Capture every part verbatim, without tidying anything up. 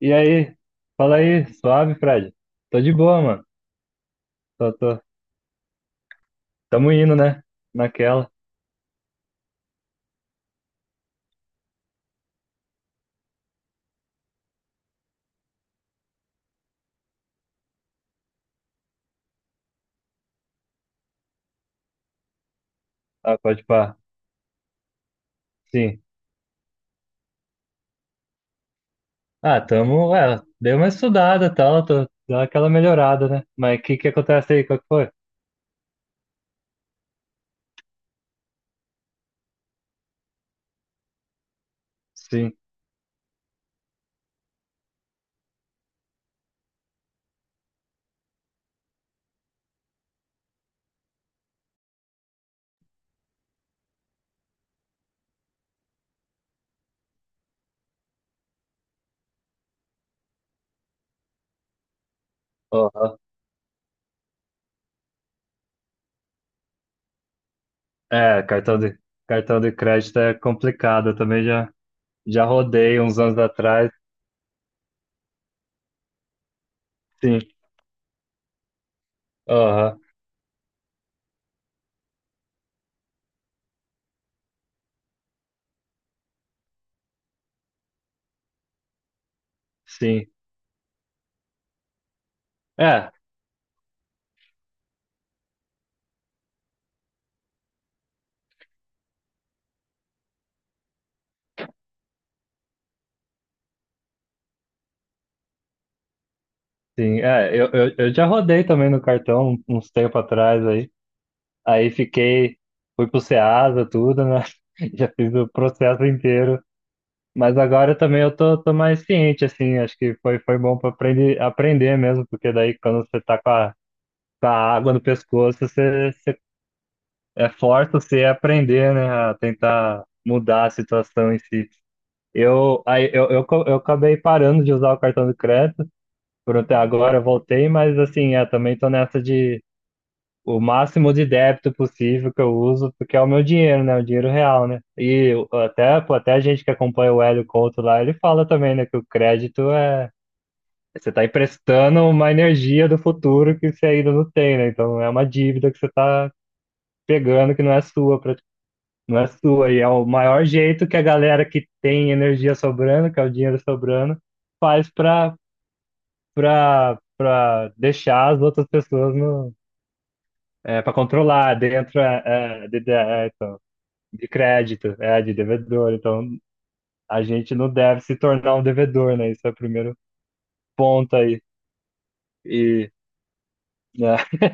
E aí? Fala aí, suave, Fred? Tô de boa, mano. Tô, tô. Tamo indo, né? Naquela. Ah, pode pá. Sim. Ah, tamo. É, dei uma estudada e tal, tô, deu aquela melhorada, né? Mas o que que acontece aí? Qual que foi? Sim. Aham. É, cartão de, cartão de crédito é complicado. Eu também já, já rodei uns anos atrás. Sim. Aham. Sim. É, sim. É, eu, eu, eu já rodei também no cartão uns tempos atrás aí. Aí fiquei, fui pro Ceasa, tudo, né? Já fiz o processo inteiro. Mas agora também eu tô, tô mais ciente, assim, acho que foi, foi bom para aprender, aprender mesmo, porque daí quando você tá com a, com a água no pescoço, você, você é forte você a aprender, né? A tentar mudar a situação em si. Eu, aí, eu, eu, co- eu acabei parando de usar o cartão de crédito por até agora, eu voltei, mas assim, é, também tô nessa de o máximo de débito possível que eu uso, porque é o meu dinheiro, né? O dinheiro real, né? E eu- até, pô, até a gente que acompanha o Hélio Couto lá, ele fala também, né, que o crédito é. Você está emprestando uma energia do futuro que você ainda não tem, né? Então é uma dívida que você está pegando que não é sua, pra- não é sua. E é o maior jeito que a galera que tem energia sobrando, que é o dinheiro sobrando, faz para para para deixar as outras pessoas no, é, para controlar dentro é, é, de- de- é, então. de crédito, é, de devedor. Então, a gente não deve se tornar um devedor, né? Isso é o primeiro ponto aí. E, né?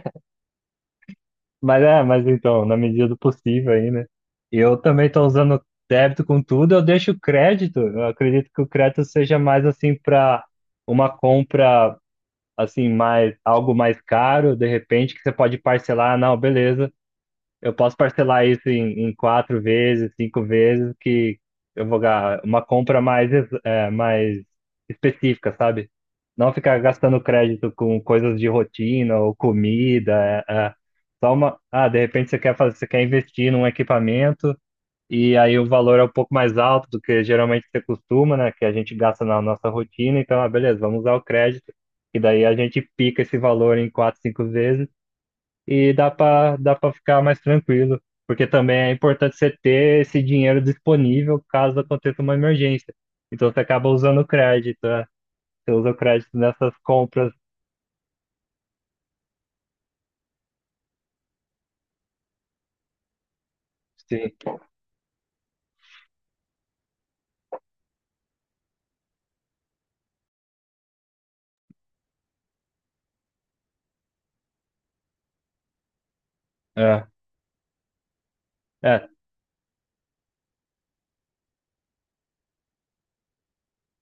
Mas é, mas então, na medida do possível aí, né? Eu também estou usando débito com tudo, eu deixo o crédito. Eu acredito que o crédito seja mais assim para uma compra assim mais algo mais caro, de repente que você pode parcelar, "Ah, não, beleza. Eu posso parcelar isso em, em quatro vezes, cinco vezes, que eu vou ganhar uma compra mais, ex- é, mais específica, sabe? Não ficar gastando crédito com coisas de rotina ou comida. É, é. Só uma. Ah, de repente você quer fazer, você quer investir num equipamento e aí o valor é um pouco mais alto do que geralmente você costuma, né? Que a gente gasta na nossa rotina. Então, ah, beleza, vamos usar o crédito. E daí a gente pica esse valor em quatro, cinco vezes e dá para dá para ficar mais tranquilo, porque também é importante você ter esse dinheiro disponível caso aconteça uma emergência. Então você acaba usando o crédito, é. Você usa o crédito nessas compras. Sim, é, é,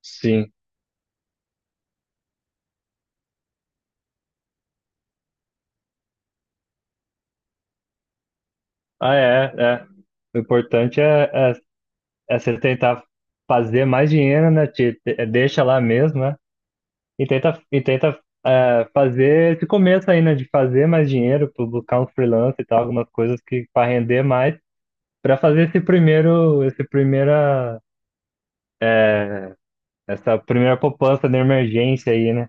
sim. Ah, é, é. O importante é, é, é você tentar fazer mais dinheiro, né? Te, te- é, deixa lá mesmo, né? E tenta, e tenta é, fazer esse começo aí, né? De fazer mais dinheiro, pu- buscar um freelance e tal, algumas coisas que para render mais. Para fazer esse primeiro, esse primeira, essa primeira poupança de emergência aí, né?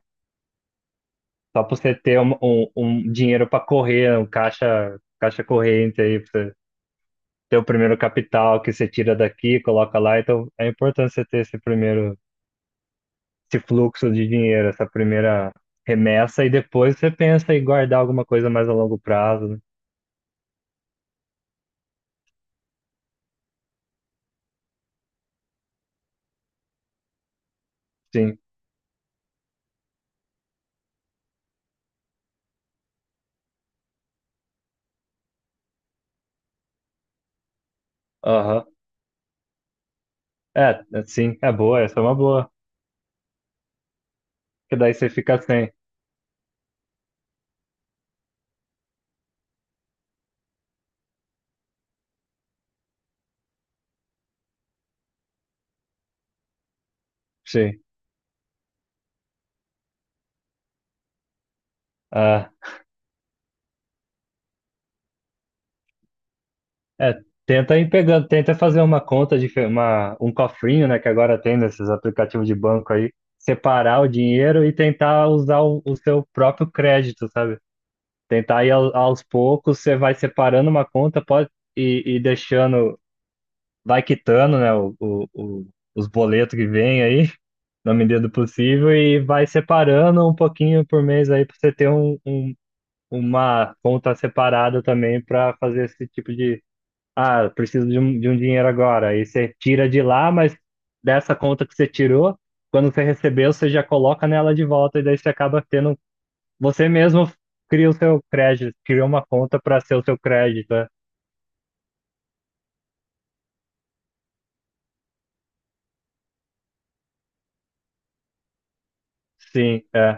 Só para você ter um, um, um dinheiro para correr, um caixa, caixa corrente aí, para você ter o primeiro capital que você tira daqui, coloca lá. Então é importante você ter esse primeiro, esse fluxo de dinheiro, essa primeira remessa, e depois você pensa em guardar alguma coisa mais a longo prazo, né? Sim. Aham. É, sim, é boa, essa é uma boa. Que daí você fica sem. Sim. Ah, é, tenta ir pegando, tenta fazer uma conta de uma, um cofrinho, né, que agora tem nesses aplicativos de banco aí, separar o dinheiro e tentar usar o, o seu próprio crédito, sabe? Tentar ir ao- aos poucos, você vai separando uma conta, pode e, e deixando, vai quitando, né, o, o, o- os boletos que vem aí, na medida do possível, e vai separando um pouquinho por mês aí para você ter um, um- uma conta separada também para fazer esse tipo ah, preciso de um, de um dinheiro agora. Aí você tira de lá, mas dessa conta que você tirou, quando você recebeu, você já coloca nela de volta e daí você acaba tendo. Você mesmo cria o seu crédito, cria uma conta para ser o seu crédito. É. Sim, é,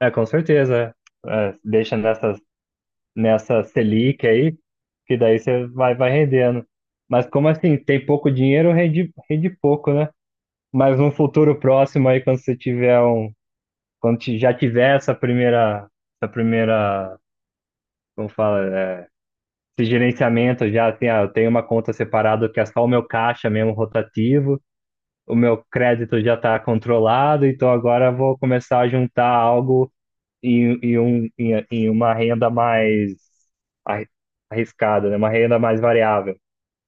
é com certeza. É, deixa nessa, nessa Selic aí, que daí você vai, vai rendendo. Mas como assim, tem pouco dinheiro, rende, rende pouco, né? Mas no futuro próximo aí, quando você tiver um quando ti- já tiver essa primeira, essa primeira, como fala, é, esse gerenciamento já, assim, ah, eu tenho uma conta separada que é só o meu caixa mesmo rotativo, o meu crédito já está controlado, então agora eu vou começar a juntar algo em, em, um, em, em uma renda mais arri- arriscada, né? Uma renda mais variável.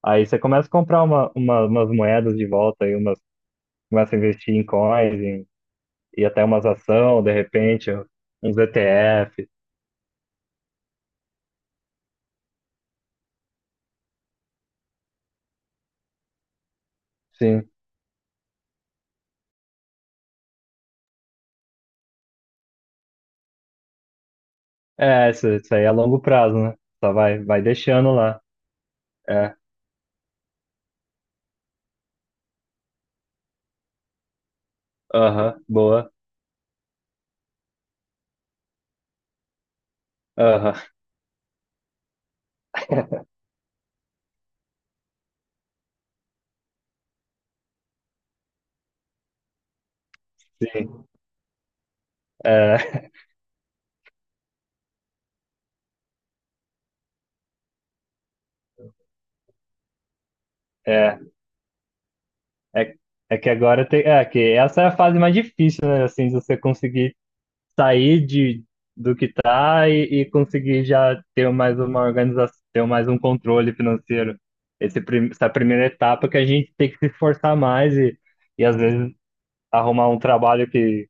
Aí você começa a comprar uma, uma- umas moedas de volta, aí umas, começa a investir em coins em- e até umas ações, de repente, uns E T F. Sim. É, isso, isso aí é a longo prazo, né? Só vai, vai deixando lá. É, aham, boa. Aham, sim. É, é, é, é que agora tem. É, que essa é a fase mais difícil, né? Assim, de você conseguir sair de, do que tá e, e conseguir já ter mais uma organização, ter mais um controle financeiro. Esse, prim- essa primeira etapa que a gente tem que se esforçar mais e, e às vezes arrumar um trabalho que,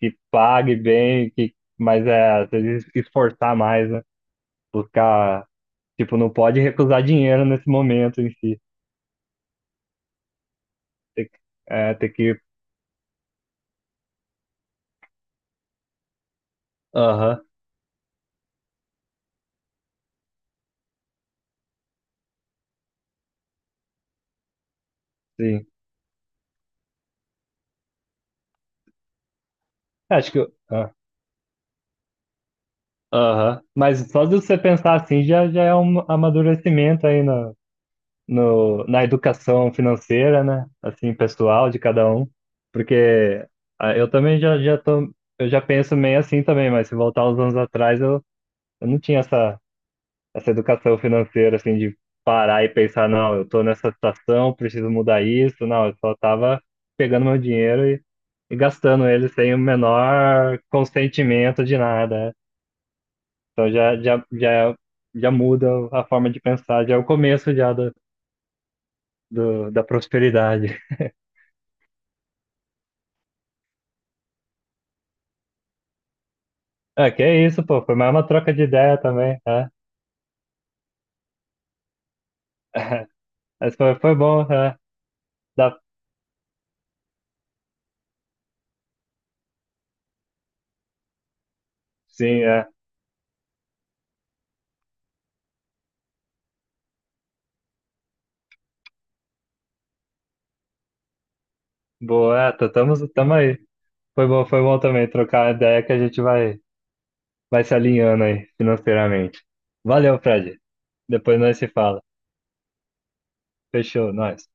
que pague bem, que, mas é, às vezes esforçar mais, né? Buscar, tipo, não pode recusar dinheiro nesse momento em si. Tem que, é, tem que, aham, sim. É, acho que, eu- ah, aham. Mas só de você pensar assim já, já é um amadurecimento aí na, no, na educação financeira, né? Assim, pessoal de cada um. Porque ah, eu também já, já tô, eu já penso meio assim também, mas se voltar uns anos atrás, eu, eu não tinha essa. essa educação financeira, assim, de parar e pensar, não, eu tô nessa situação, preciso mudar isso. Não, eu só tava pegando meu dinheiro e, e gastando ele sem o menor consentimento de nada. Né? Então já, já, já, já muda a forma de pensar, já é o começo já do, do- da prosperidade. É, que é isso, pô, foi mais uma troca de ideia também, é. Mas foi, foi bom, é. Dá, sim, é. Boa, é, tá- tamo, tamo aí. Foi bom, foi bom também trocar a ideia que a gente vai. Vai se alinhando aí financeiramente. Valeu, Fred. Depois nós se fala. Fechou, nós.